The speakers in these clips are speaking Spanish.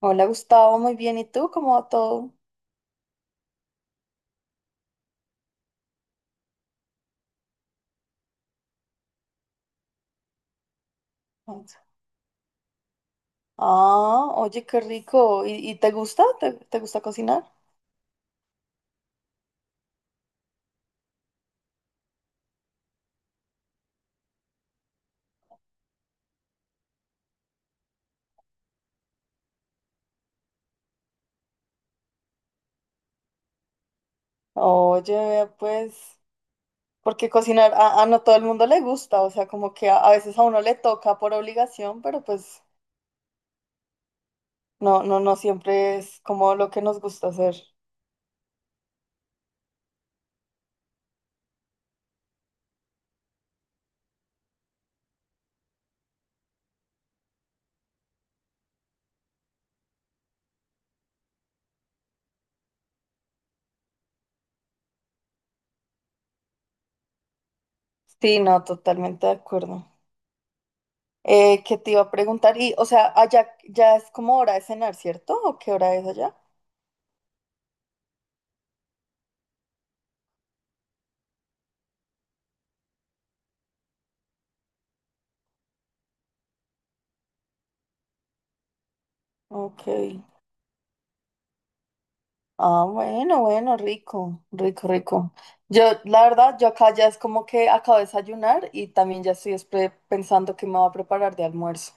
Hola Gustavo, muy bien. ¿Y tú? ¿Cómo va todo? Ah, oye, qué rico. ¿Y te gusta? ¿Te gusta cocinar? Oye, vea, pues, porque cocinar a no todo el mundo le gusta, o sea, como que a veces a uno le toca por obligación, pero pues no, no, no siempre es como lo que nos gusta hacer. Sí, no, totalmente de acuerdo. ¿Qué te iba a preguntar? Y, o sea, allá ya es como hora de cenar, ¿cierto? ¿O qué hora es allá? Ok. Ah, bueno, bueno, rico, rico, rico. Yo, la verdad, yo acá ya es como que acabo de desayunar y también ya estoy es pensando que me voy a preparar de almuerzo.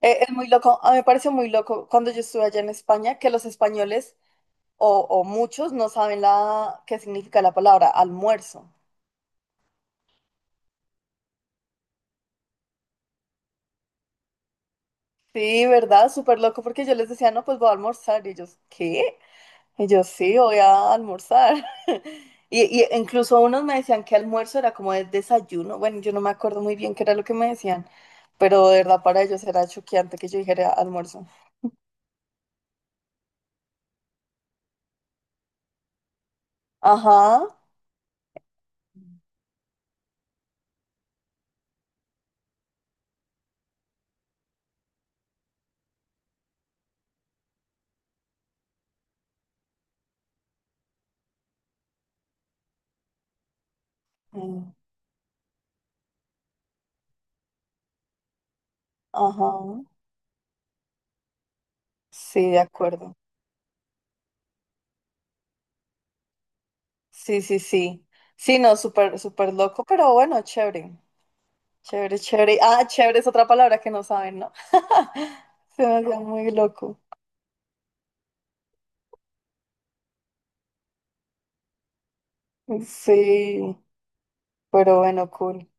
Es muy loco, a mí me pareció muy loco cuando yo estuve allá en España que los españoles o muchos no saben la qué significa la palabra almuerzo. Sí, ¿verdad? Súper loco porque yo les decía, no, pues voy a almorzar y ellos, ¿qué? Y yo sí, voy a almorzar. Y incluso unos me decían que almuerzo era como el desayuno. Bueno, yo no me acuerdo muy bien qué era lo que me decían, pero de verdad para ellos era choqueante que yo dijera almuerzo. Ajá, mm, ajá, sí, de acuerdo. Sí, sí, sí. Sí, no, súper, súper loco, pero bueno, chévere. Chévere, chévere. Ah, chévere es otra palabra que no saben, ¿no? Se me hacía muy loco. Sí, pero bueno, cool.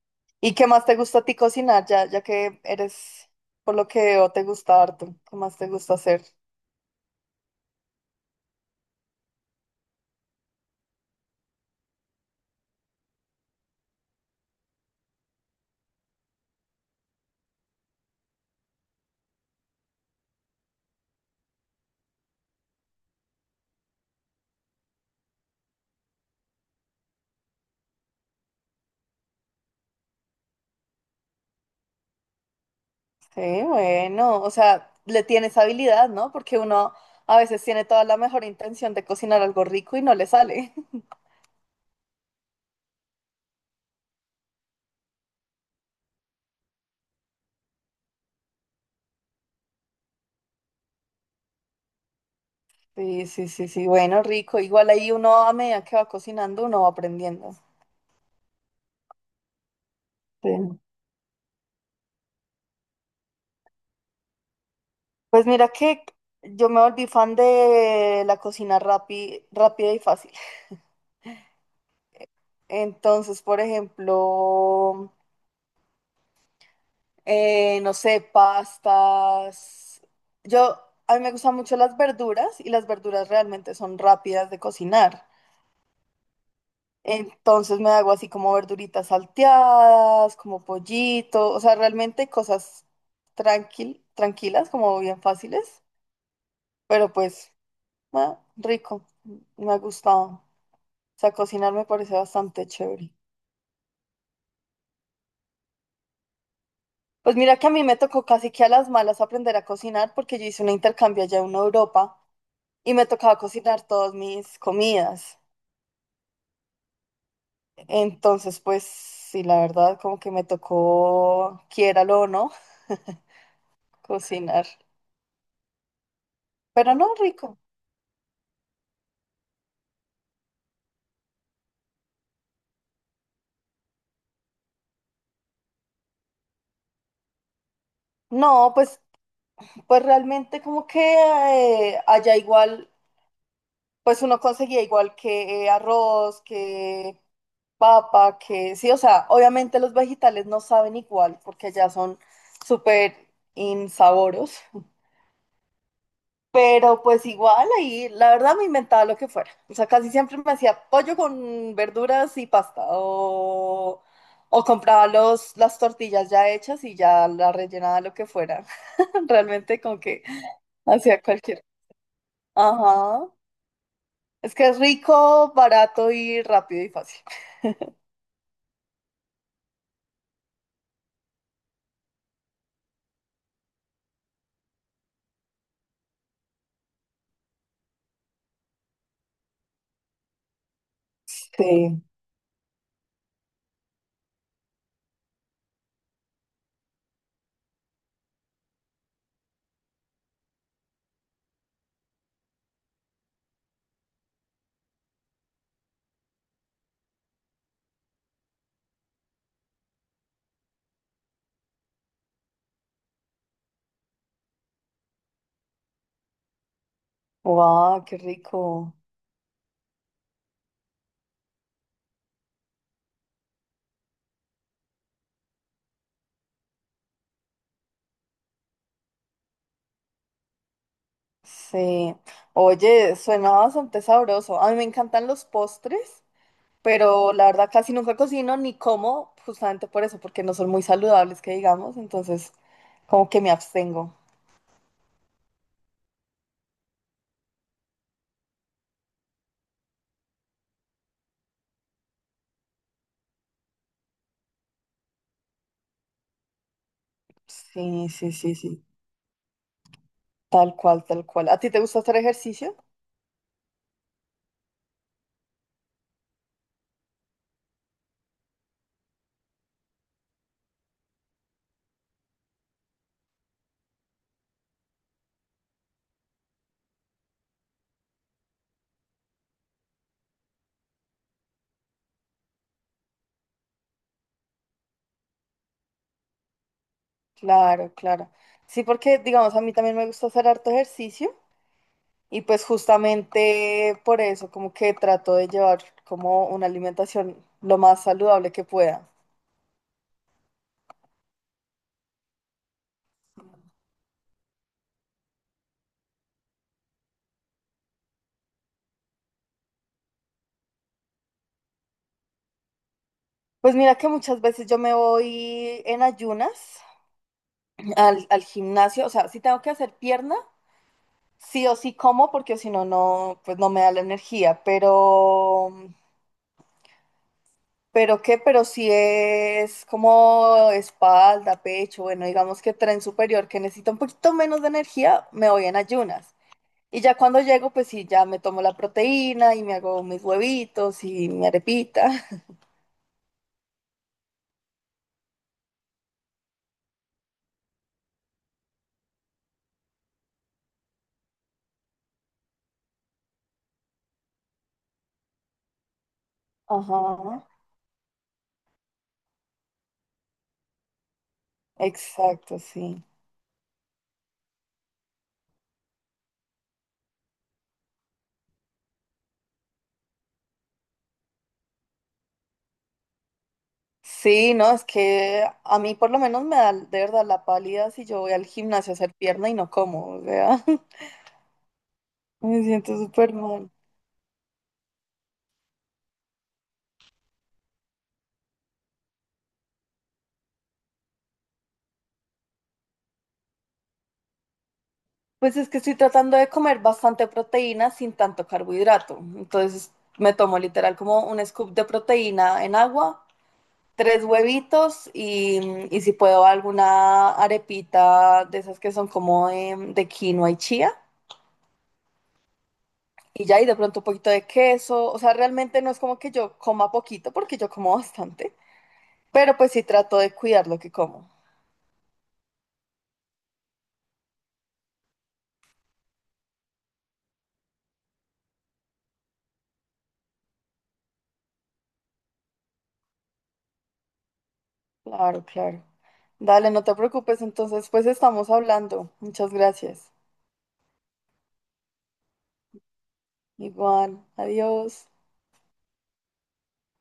¿Y qué más te gusta a ti cocinar? Ya, ya que eres, por lo que veo, te gusta harto. ¿Qué más te gusta hacer? Sí, bueno, o sea, le tienes habilidad, ¿no? Porque uno a veces tiene toda la mejor intención de cocinar algo rico y no le sale. Sí, sí, sí, sí, bueno, rico. Igual ahí uno a medida que va cocinando, uno va aprendiendo. Sí. Pues mira que yo me volví fan de la cocina rápida y fácil. Entonces, por ejemplo... No sé, pastas. Yo, a mí me gustan mucho las verduras y las verduras realmente son rápidas de cocinar. Entonces me hago así como verduritas salteadas, como pollito, o sea, realmente cosas tranquilas, como bien fáciles, pero pues, ah, rico, me ha gustado. O sea, cocinar me parece bastante chévere. Pues mira que a mí me tocó casi que a las malas aprender a cocinar porque yo hice un intercambio allá en Europa. Y me tocaba cocinar todas mis comidas. Entonces, pues sí, la verdad, como que me tocó, quiéralo o no, cocinar. Pero no, rico. No, pues, pues realmente como que allá igual, pues uno conseguía igual que arroz, que papa, que sí, o sea, obviamente los vegetales no saben igual porque allá son súper insaboros. Pero pues igual ahí, la verdad me inventaba lo que fuera. O sea, casi siempre me hacía pollo con verduras y pasta. O compraba las tortillas ya hechas y ya la rellenaba de lo que fuera. Realmente como que hacía cualquier. Ajá. Es que es rico, barato y rápido y fácil. Sí. Wow, qué rico. Sí. Oye, suena bastante sabroso. A mí me encantan los postres. Pero la verdad casi nunca cocino ni como, justamente por eso, porque no son muy saludables, que digamos, entonces como que me abstengo. Sí, sí, sí, sí, tal cual, tal cual. ¿A ti te gusta hacer ejercicio? Claro, claro. Sí, porque digamos, a mí también me gusta hacer harto ejercicio y pues justamente por eso como que trato de llevar como una alimentación lo más saludable que pueda. Pues mira que muchas veces yo me voy en ayunas al gimnasio, o sea, si tengo que hacer pierna, sí o sí como porque si no, no, pues no me da la energía, pero, pero si es como espalda, pecho, bueno, digamos que tren superior que necesita un poquito menos de energía, me voy en ayunas. Y ya cuando llego, pues sí, ya me tomo la proteína y me hago mis huevitos y mi arepita. Ajá, exacto, sí. Sí, no, es que a mí por lo menos me da de verdad la pálida si yo voy al gimnasio a hacer pierna y no como, o sea, me siento súper mal. Pues es que estoy tratando de comer bastante proteína sin tanto carbohidrato. Entonces me tomo literal como un scoop de proteína en agua, tres huevitos y si puedo alguna arepita de esas que son como de quinoa y chía. Y ya, y de pronto un poquito de queso. O sea, realmente no es como que yo coma poquito porque yo como bastante. Pero pues sí trato de cuidar lo que como. Claro, claro. Dale, no te preocupes. Entonces, pues estamos hablando. Muchas gracias. Igual, adiós.